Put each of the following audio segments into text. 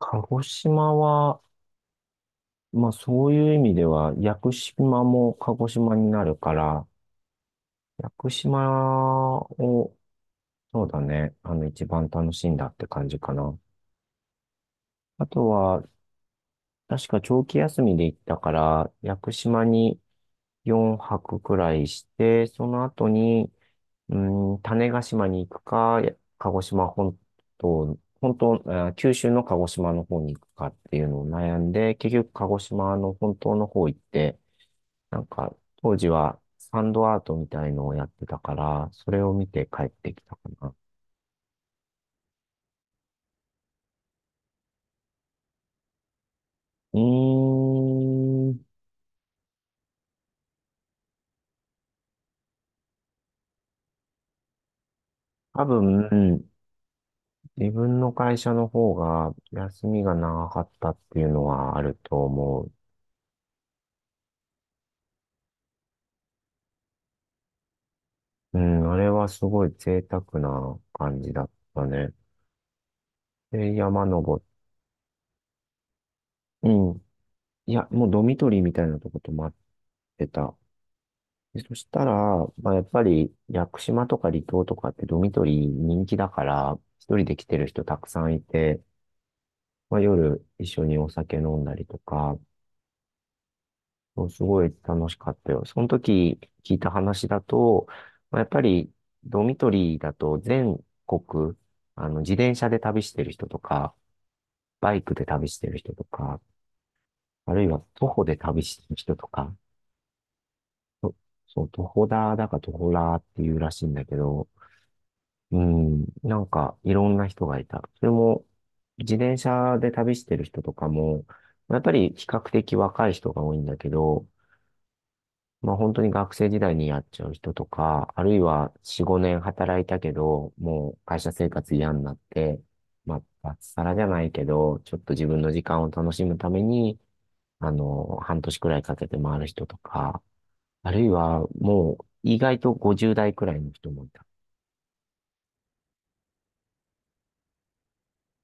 鹿児島は、まあそういう意味では、屋久島も鹿児島になるから、屋久島を、そうだね、一番楽しんだって感じかな。あとは、確か長期休みで行ったから、屋久島に4泊くらいして、その後に、種子島に行くか、鹿児島本島、九州の鹿児島の方に行くかっていうのを悩んで、結局鹿児島の本島の方行って、なんか、当時はサンドアートみたいのをやってたから、それを見て帰ってきたかな。うーん、多分、自分の会社の方が休みが長かったっていうのはあると思う。うん、あれはすごい贅沢な感じだったね。で、山登っうん。いや、もうドミトリーみたいなとこともあってた。でそしたら、まあ、やっぱり屋久島とか離島とかってドミトリー人気だから、一人で来てる人たくさんいて、まあ、夜一緒にお酒飲んだりとか、そうすごい楽しかったよ。その時聞いた話だと、まあ、やっぱりドミトリーだと全国、自転車で旅してる人とか、バイクで旅してる人とか、あるいは徒歩で旅してる人とか、そそう、徒歩だか徒歩ラーっていうらしいんだけど、うん、なんかいろんな人がいた。それも自転車で旅してる人とかも、やっぱり比較的若い人が多いんだけど、まあ本当に学生時代にやっちゃう人とか、あるいは4、5年働いたけど、もう会社生活嫌になって、まあ脱サラじゃないけど、ちょっと自分の時間を楽しむために、半年くらいかけて回る人とか、あるいはもう意外と50代くらいの人もいた。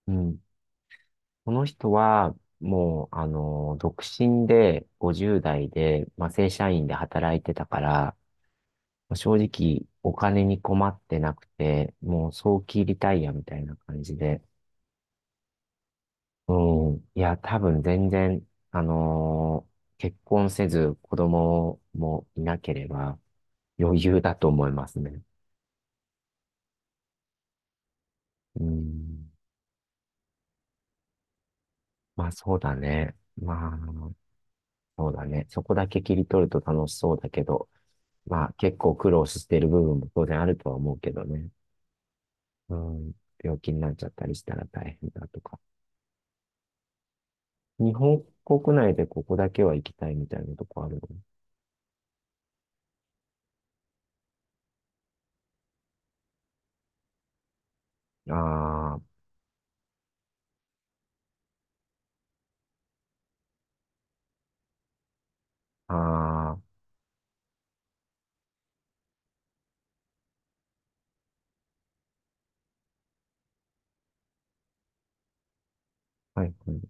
うん。この人は、もう、独身で、50代で、まあ、正社員で働いてたから、まあ正直、お金に困ってなくて、もう、早期リタイアみたいな感じで、うん。いや、多分全然、結婚せず、子供もいなければ、余裕だと思いますね。うん。まあ、そうだね。まあ、そうだね。そこだけ切り取ると楽しそうだけど、まあ結構苦労してる部分も当然あるとは思うけどね。うん。病気になっちゃったりしたら大変だとか。日本国内でここだけは行きたいみたいなとこあるの？ああ、ああ、はい、は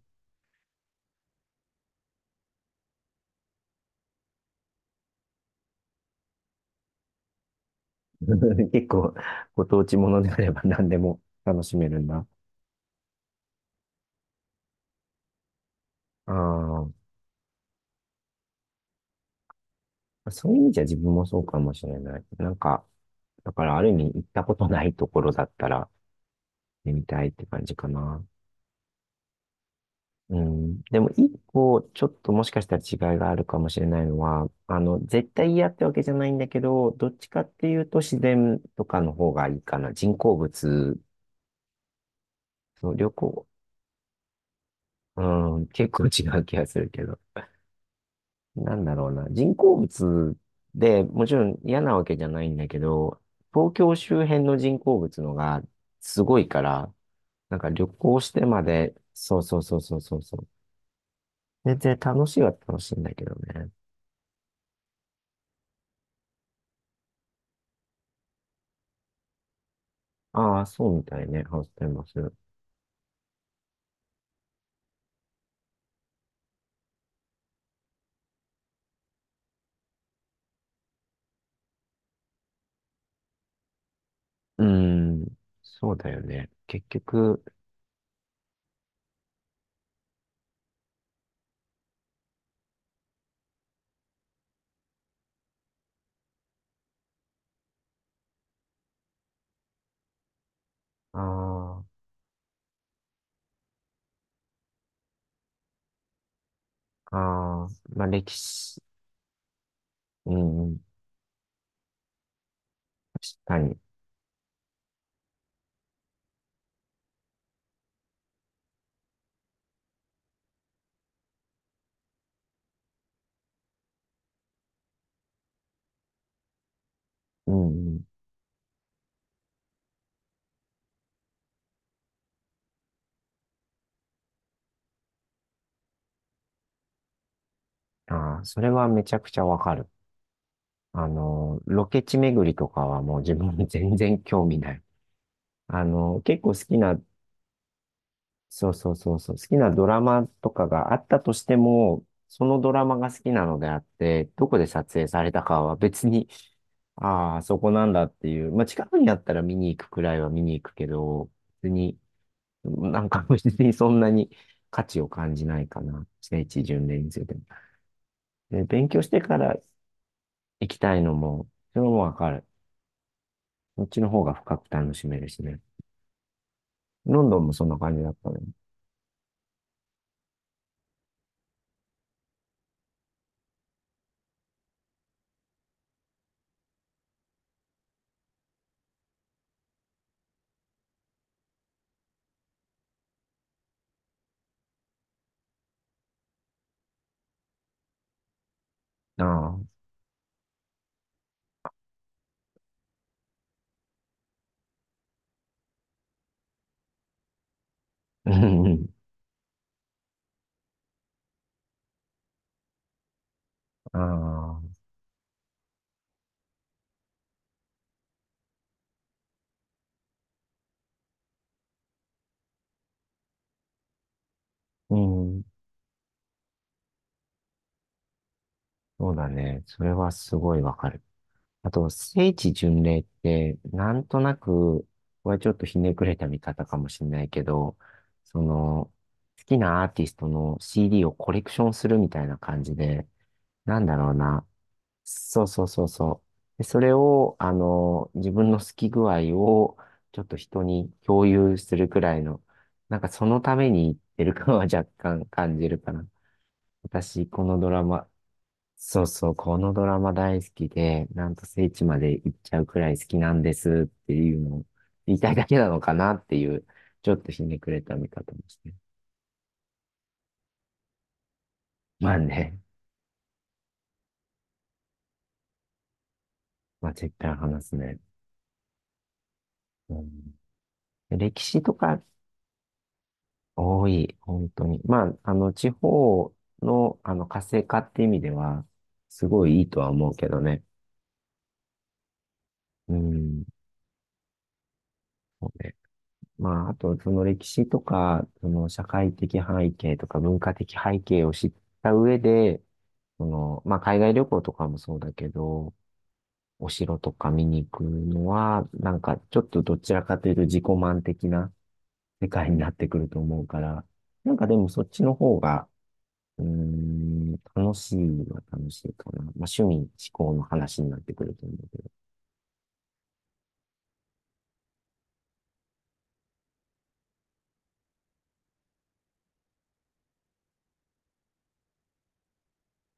い。結構ご当地ものであれば何でも楽しめるんだ。ああ、そういう意味じゃ自分もそうかもしれない。なんか、だからある意味行ったことないところだったらね、行ってみたいって感じかな。うん。でも、一個、ちょっともしかしたら違いがあるかもしれないのは、絶対嫌ってわけじゃないんだけど、どっちかっていうと自然とかの方がいいかな。人工物、そう、旅行、うん、結構違う気がするけど。なんだろうな。人工物でもちろん嫌なわけじゃないんだけど、東京周辺の人工物のがすごいから、なんか旅行してまで、そうそうそうそうそうそう。全然楽しいは楽しいんだけどね。ああ、そうみたいね。あ、ごいます。ーん、そうだよね。結局、ああ、ああ、まあ歴史、うん、確かに。うん、ああ、それはめちゃくちゃわかる。ロケ地巡りとかはもう自分全然興味ない。結構好きなそうそうそうそう。好きなドラマとかがあったとしても、そのドラマが好きなのであって、どこで撮影されたかは別に、ああ、そこなんだっていう。まあ、近くにあったら見に行くくらいは見に行くけど、別に、なんか 別にそんなに価値を感じないかな。聖地巡礼についても。で、勉強してから行きたいのも、それもわかる。こっちの方が深く楽しめるしね。ロンドンもそんな感じだったね。ああ。うんうん。ああ。うん。そうだね。それはすごいわかる。あと、聖地巡礼って、なんとなく、これちょっとひねくれた見方かもしれないけど、その、好きなアーティストの CD をコレクションするみたいな感じで、なんだろうな。そうそうそうそう。で、それを、自分の好き具合を、ちょっと人に共有するくらいの、なんかそのために言ってる感は若干感じるかな。私、このドラマ、そうそう、このドラマ大好きで、なんと聖地まで行っちゃうくらい好きなんですっていうのを言いたいだけなのかなっていう、ちょっとひねくれた見方もして。まあね、まあ絶対話すね。うん、歴史とか多い、本当に。まあ、地方の、活性化って意味では、すごいいいとは思うけどね。うん、そうね。まあ、あと、その歴史とか、その社会的背景とか文化的背景を知った上で、その、まあ、海外旅行とかもそうだけど、お城とか見に行くのは、なんかちょっとどちらかというと自己満的な世界になってくると思うから、なんかでもそっちの方が、楽しいは楽しいかな。まあ、趣味、思考の話になってくると思うけど。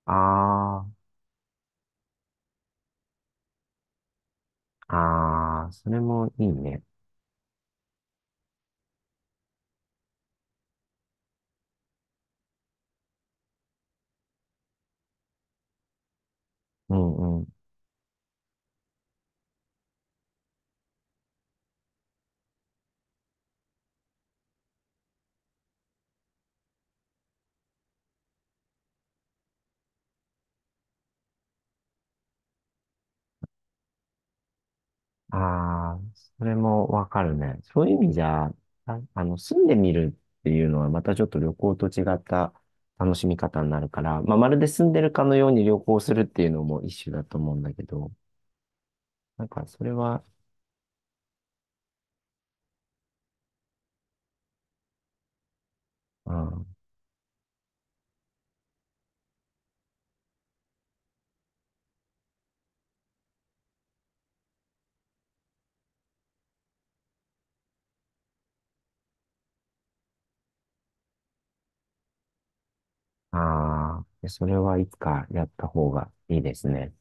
ああ、ああ、それもいいね。うんうん。ああ、それもわかるね。そういう意味じゃ、あ、住んでみるっていうのはまたちょっと旅行と違った楽しみ方になるから、まあ、まるで住んでるかのように旅行するっていうのも一種だと思うんだけど、なんかそれは、うん、ああ、それはいつかやった方がいいですね。